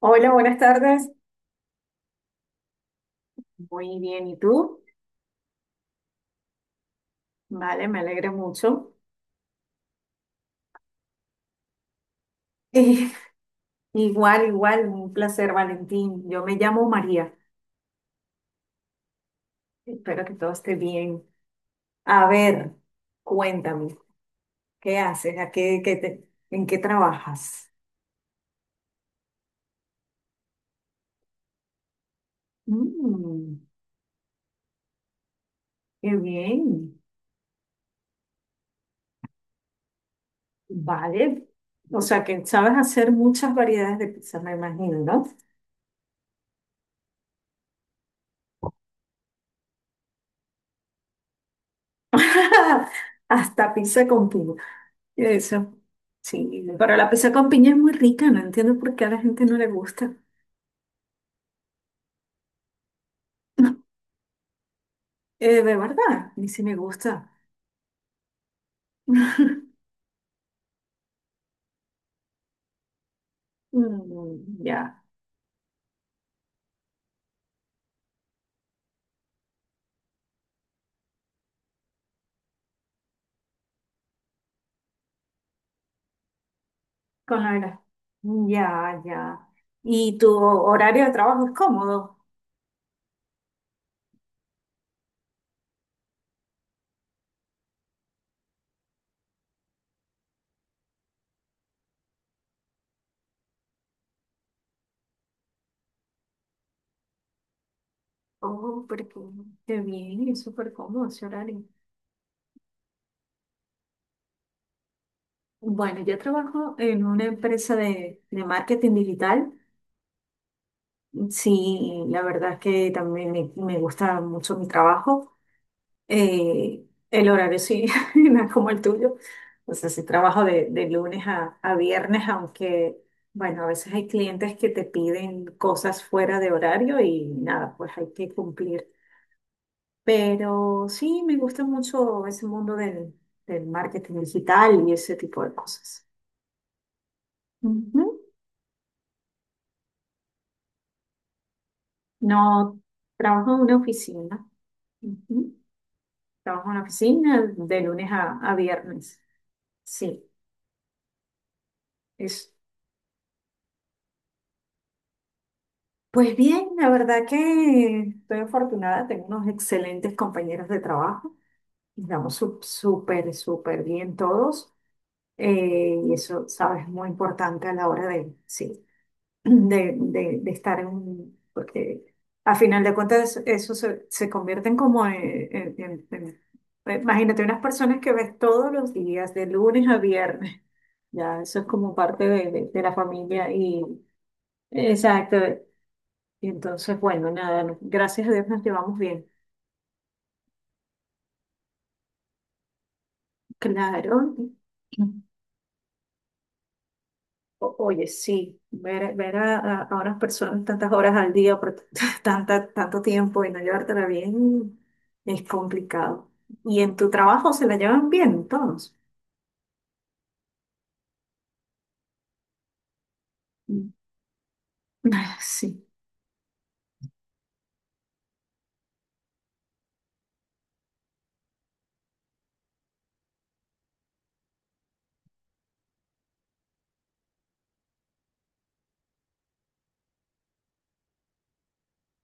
Hola, buenas tardes. Muy bien, ¿y tú? Vale, me alegra mucho. Eh, igual, igual, un placer, Valentín. Yo me llamo María. Espero que todo esté bien. A ver, cuéntame, ¿qué haces? ¿A qué, en qué trabajas? Mm, qué bien. Vale. O sea, que sabes hacer muchas variedades de pizza, me imagino, ¿no? Hasta pizza con piña. Eso, sí, pero la pizza con piña es muy rica, no entiendo por qué a la gente no le gusta. De verdad, ni si me gusta. Mm, ya, con la verdad. Ya, ya. ¿Y tu horario de trabajo es cómodo? Oh, pero qué bien, es súper cómodo ese horario. Bueno, yo trabajo en una empresa de marketing digital. Sí, la verdad es que también me gusta mucho mi trabajo. Eh, el horario sí, no es como el tuyo. O sea, sí trabajo de lunes a viernes, aunque, bueno, a veces hay clientes que te piden cosas fuera de horario y nada, pues hay que cumplir. Pero sí, me gusta mucho ese mundo del marketing digital y ese tipo de cosas. Ujú. No, trabajo en una oficina. Ujú. Trabajo en una oficina de lunes a viernes. Sí, es. Pues bien, la verdad que estoy afortunada, tengo unos excelentes compañeros de trabajo, estamos súper, súper bien todos, y eso, sabes, es muy importante a la hora de, sí, de estar en un, porque a final de cuentas eso se convierten como en, en- en- en- imagínate unas personas que ves todos los días, de lunes a viernes, ya eso es como parte de de la familia y... Exacto. Y entonces, bueno, nada, gracias a Dios nos llevamos bien. Claro. Oye, sí, ver a unas personas tantas horas al día por tanto tiempo y no llevártela bien es complicado. Y en tu trabajo se la llevan bien todos. Mm. Ah, sí.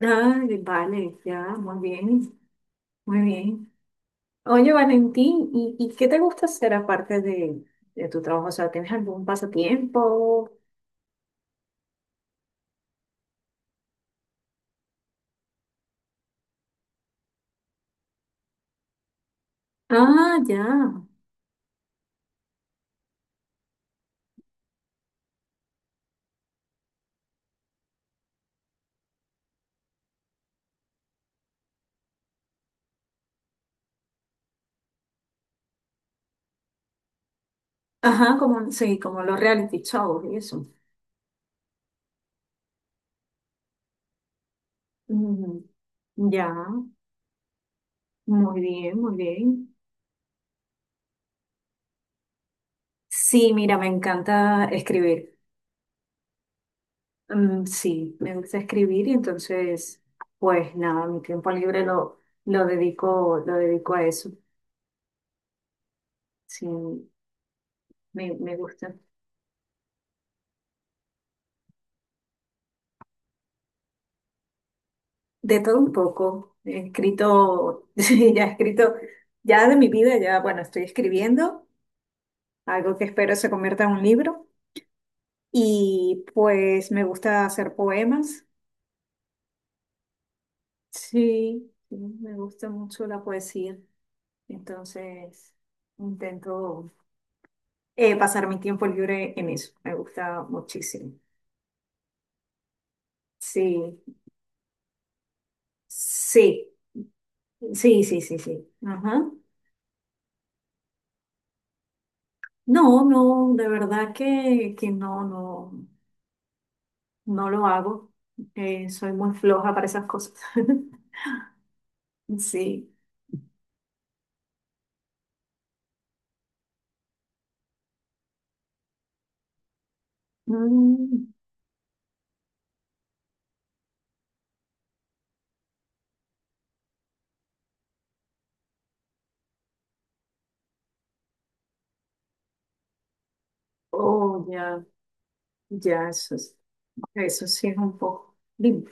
Ay, vale, ya, muy bien, muy bien. Oye, Valentín, ¿ y qué te gusta hacer aparte de tu trabajo? O sea, ¿tienes algún pasatiempo? Ah, ya. Ajá, como, sí, como los reality shows y eso. Ujú. Ya, muy bien, muy bien. Sí, mira, me encanta escribir. Mm, sí, me gusta escribir y entonces, pues nada, mi tiempo libre lo dedico a eso. Sí, me gusta. De todo un poco. He escrito, sí, ya he escrito, ya de mi vida, ya, bueno, estoy escribiendo algo que espero se convierta en un libro. Y pues me gusta hacer poemas. Sí, sí, me gusta mucho la poesía. Entonces, intento pasar mi tiempo libre en eso. Me gusta muchísimo. Sí, sí, sí, sí, sí, sí. Ajá. No, no, de verdad que no, no, no lo hago. Soy muy floja para esas cosas. Sí. Mm, oh, ya, ya, eso sí es un poco. Dime.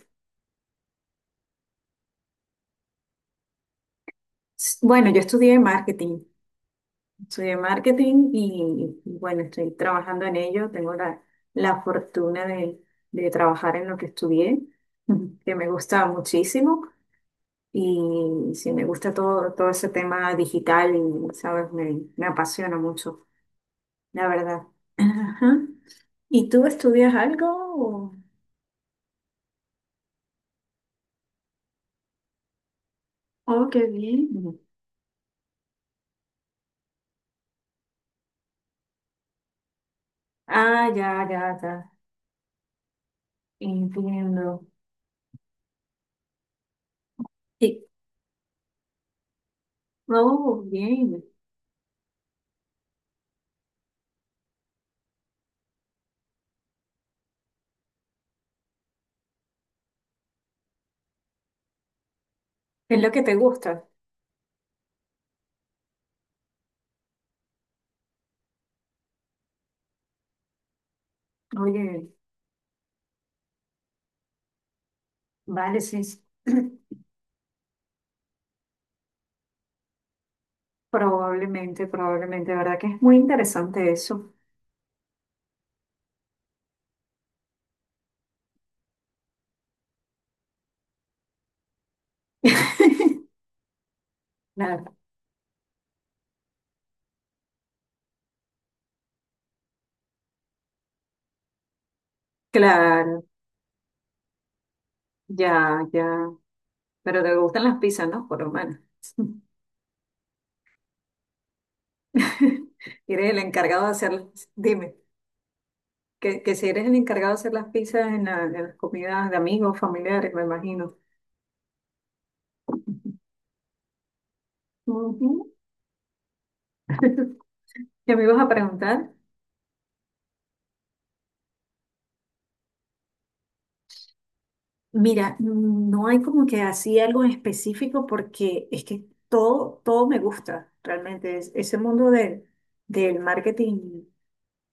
Bueno, yo estudié marketing. Estudié marketing y bueno, estoy trabajando en ello. Tengo la fortuna de trabajar en lo que estudié, que me gusta muchísimo. Y sí, me gusta todo, todo ese tema digital y, ¿sabes? Me apasiona mucho, la verdad. Ajá. ¿Y tú estudias algo? O- Oh, qué bien. Ah, ya, ya, ya. Entiendo. Y, oh, bien. Es lo que te gusta. Oye, vale, sí. Probablemente, probablemente, ¿verdad? Que es muy interesante eso. Claro, claro, ya, ya. Pero te gustan las pizzas, ¿no? Por lo menos. Eres el encargado de hacerlas. Dime, que si eres el encargado de hacer las pizzas en, en las comidas de amigos, familiares, me imagino. Ujú. ¿Qué me ibas a preguntar? Mira, no hay como que así algo en específico porque es que todo, todo me gusta realmente. Ese mundo de, del marketing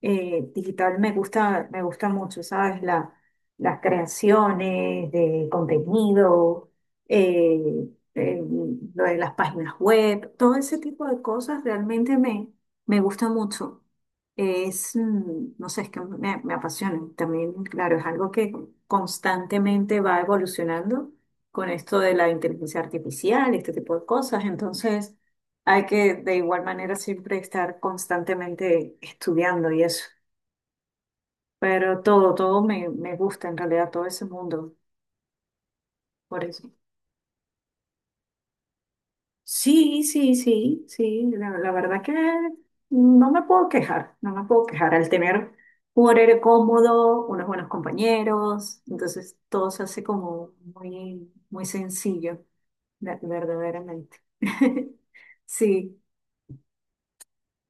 digital me gusta mucho, ¿sabes? La, las creaciones de contenido, eh, eh, lo de las páginas web, todo ese tipo de cosas realmente me gusta mucho. Es, mm, no sé, es que me apasiona. También, claro, es algo que constantemente va evolucionando con esto de la inteligencia artificial, este tipo de cosas. Entonces, hay que de igual manera siempre estar constantemente estudiando y eso. Pero todo, todo me gusta en realidad, todo ese mundo, por eso. Sí, sí, sí, sí, la verdad que no me puedo quejar, no me puedo quejar al tener un horario cómodo, unos buenos compañeros, entonces todo se hace como muy, muy sencillo, verdaderamente. Sí,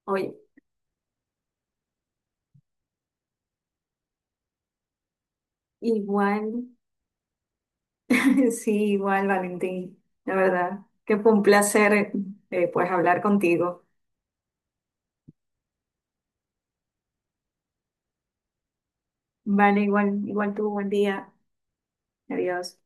oye, igual, sí, igual, Valentín, la verdad que fue un placer, pues, hablar contigo. Vale, igual, igual tú, buen día. Adiós.